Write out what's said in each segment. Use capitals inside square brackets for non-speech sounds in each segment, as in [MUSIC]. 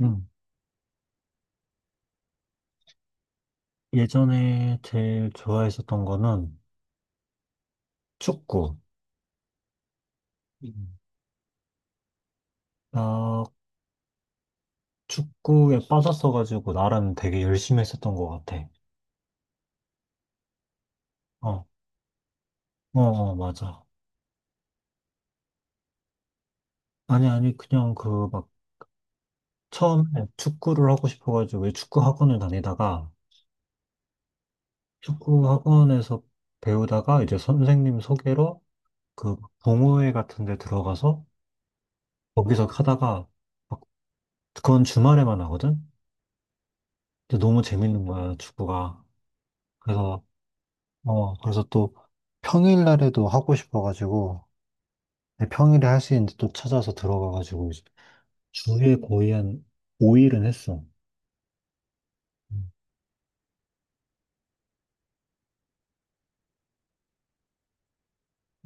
음, 예전에 제일 좋아했었던 거는 축구. 음. 나 축구에 빠졌어가지고 나름 되게 열심히 했었던 것 같아. 어, 어, 어, 맞아. 아니, 아니, 그냥 그 막 처음에 축구를 하고 싶어가지고 왜 축구 학원을 다니다가 축구 학원에서 배우다가 이제 선생님 소개로 그 동호회 같은 데 들어가서 거기서 하다가 막 그건 주말에만 하거든? 근데 너무 재밌는 거야, 축구가. 그래서 그래서 또 평일날에도 하고 싶어가지고, 네, 평일에 할 수 있는데 또 찾아서 들어가가지고, 이제 주에 거의 한 5일은 했어. 음,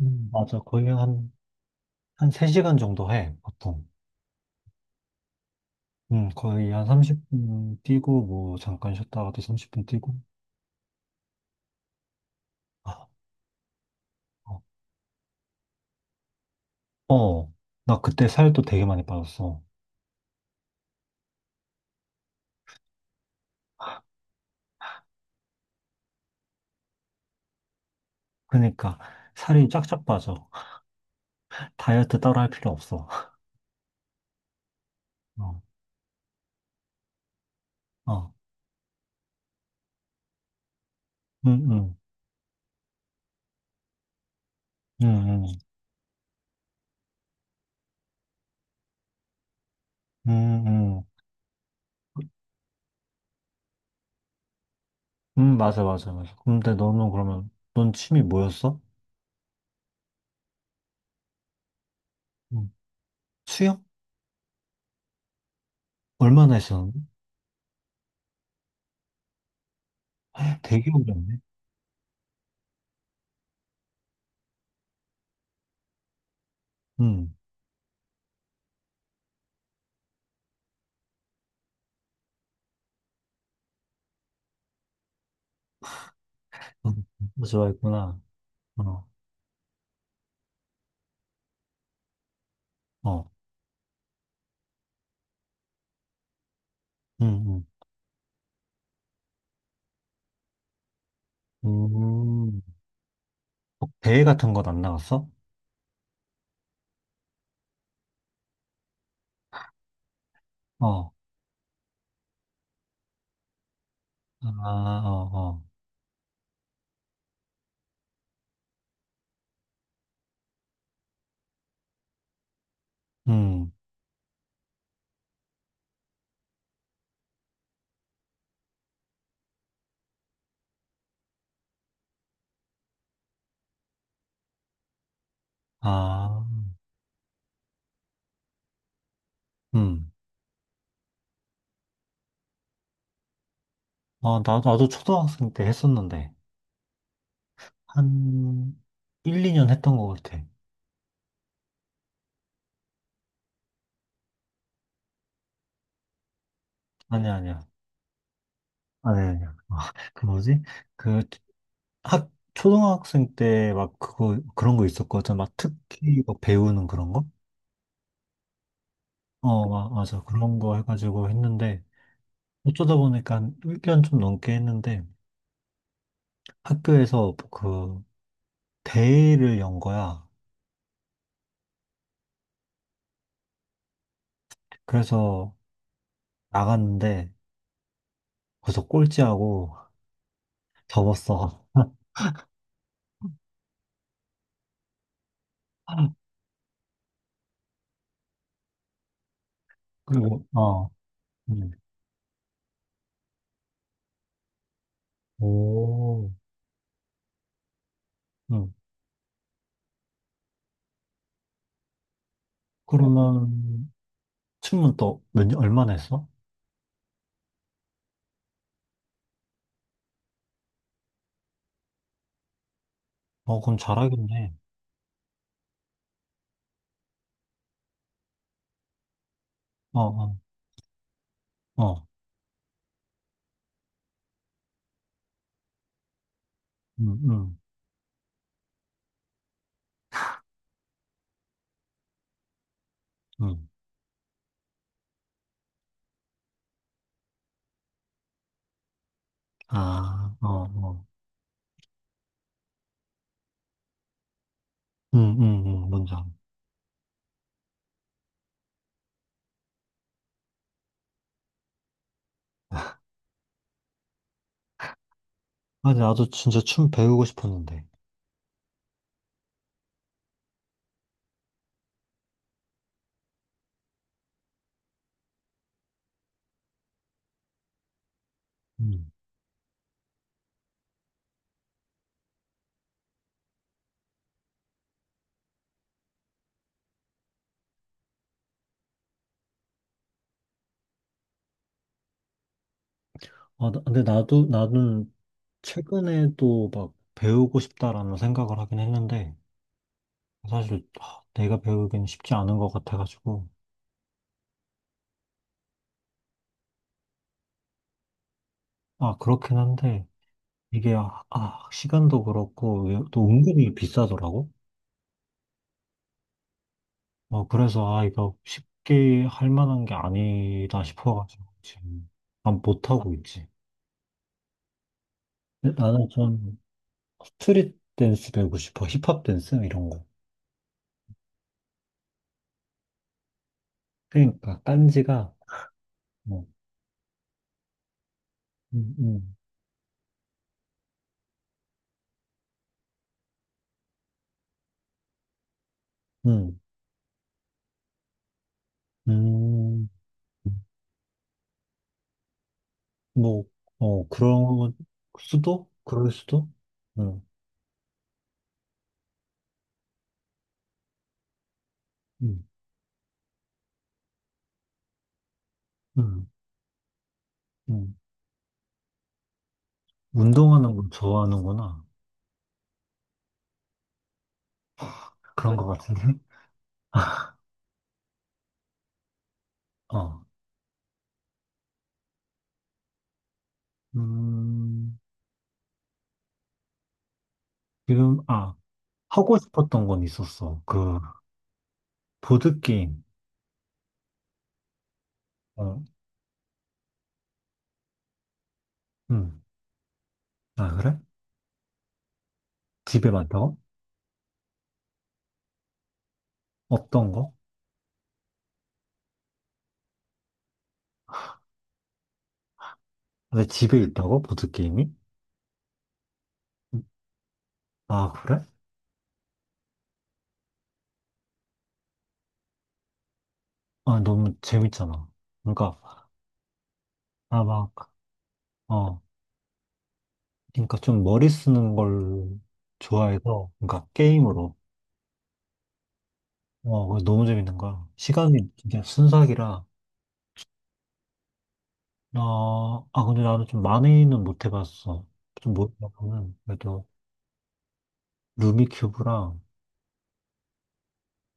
맞아. 거의 한 3시간 정도 해, 보통. 거의 한 30분 뛰고, 뭐, 잠깐 쉬었다가 또 30분 뛰고. 아, 어, 어. 나 그때 살도 되게 많이 빠졌어. 그러니까, 살이 쫙쫙 빠져. [LAUGHS] 다이어트 따로 할 필요 없어. 어, 어, 응, 응, 응, 응, 응, 맞아, 맞아, 맞아. 근데 너는 그러면, 넌 취미 뭐였어? 음. 수영? 얼마나 했었는데? 되게 오래 했네. 음, 음, 좋아했구나. 어, 어, 음, 음. 음, 뭐 대회 같은 건 안 나갔어? 어, 아, 어, 어, 음, 아, 음. 어, 나도 초등학생 때 했었는데, 한 1, 2년 했던 것 같아. 아니야, 아니야. 아니야, 아니야. 어, [LAUGHS] 그 뭐지? 그 초등학생 때 막 그런 거 있었거든. 막 특기 막 배우는 그런 거? 어, 맞아. 그런 거 해가지고 했는데, 어쩌다 보니까 한 1년 좀 넘게 했는데, 학교에서 그 대회를 연 거야. 그래서 나갔는데, 거기서 꼴찌하고 접었어. [LAUGHS] 그리고. 음. 오, 응. 그러면 춤은 또 몇 년, 얼마나 했어? 어, 그럼 잘하겠네. 어, 어, 어, 응, 응, 응. 아, 어, 어. 응, 응, 응, 뭔지 알아. [LAUGHS] 아니, 나도 진짜 춤 배우고 싶었는데. 음. 아, 근데 나는 최근에도 막 배우고 싶다라는 생각을 하긴 했는데, 사실 아, 내가 배우기는 쉽지 않은 것 같아가지고. 아, 그렇긴 한데, 이게, 시간도 그렇고, 이게 또 은근히 비싸더라고. 어, 그래서, 아, 이거 쉽게 할 만한 게 아니다 싶어가지고, 지금, 안 못하고 있지. 근데 나는 좀, 스트릿 댄스 배우고 싶어. 힙합 댄스 이런 거. 그러니까 딴지가 뭐, 음, 음, 음, 음, 뭐, 어, 그런 수도? 그럴 수도? 음, 음, 음, 음. 운동하는 걸 좋아하는구나. 그런 것 같은데? [LAUGHS] 어, 음, 지금, 아, 하고 싶었던 건 있었어. 그, 보드게임. 어, 음. 아, 그래? 집에 많다고? 어떤 거? 왜 집에 있다고? 보드게임이? 아, 그래? 아, 너무 재밌잖아. 그러니까, 아, 막, 어, 그러니까 좀 머리 쓰는 걸 좋아해서, 그러니까 게임으로, 어, 그거 너무 재밌는 거야. 시간이 진짜 순삭이라, 어, 아, 근데 나는 좀 많이는 못 해봤어. 좀 못 해봤거든. 그래도, 루미큐브랑,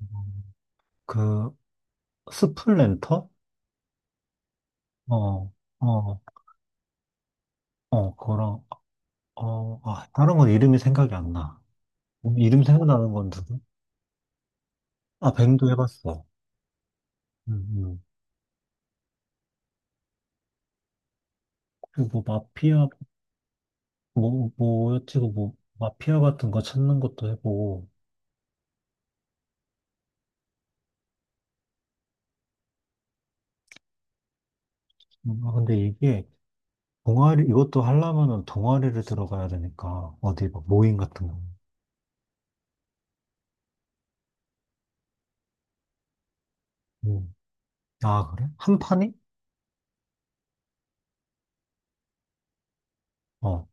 음, 그, 스플랜터? 어, 어, 어, 그거랑, 어, 아, 다른 건 이름이 생각이 안 나. 이름 생각나는 건 누구? 아, 뱅도 해봤어. 음, 음. 그리고 마피아 뭐, 뭐, 여치고 뭐, 마피아 같은 거 찾는 것도 해보고. 아, 근데 이게, 동아리, 이것도 하려면은 동아리를 들어가야 되니까, 어디 막 모임 같은 거. 음. 아, 그래? 한 판이? 어,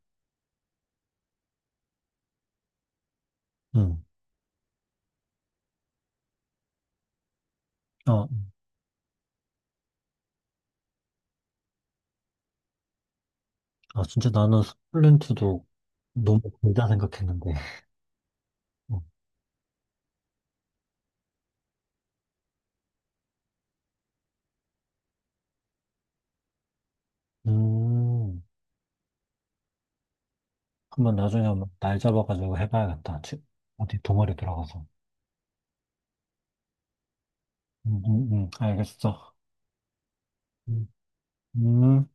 응. 아, 아, 진짜 나는 스플렌트도 너무 길다 생각했는데. 어. 음, 한번 나중에 한번 날 잡아가지고 해봐야겠다. 어디 동아리 들어가서. 알겠어. 음. 음.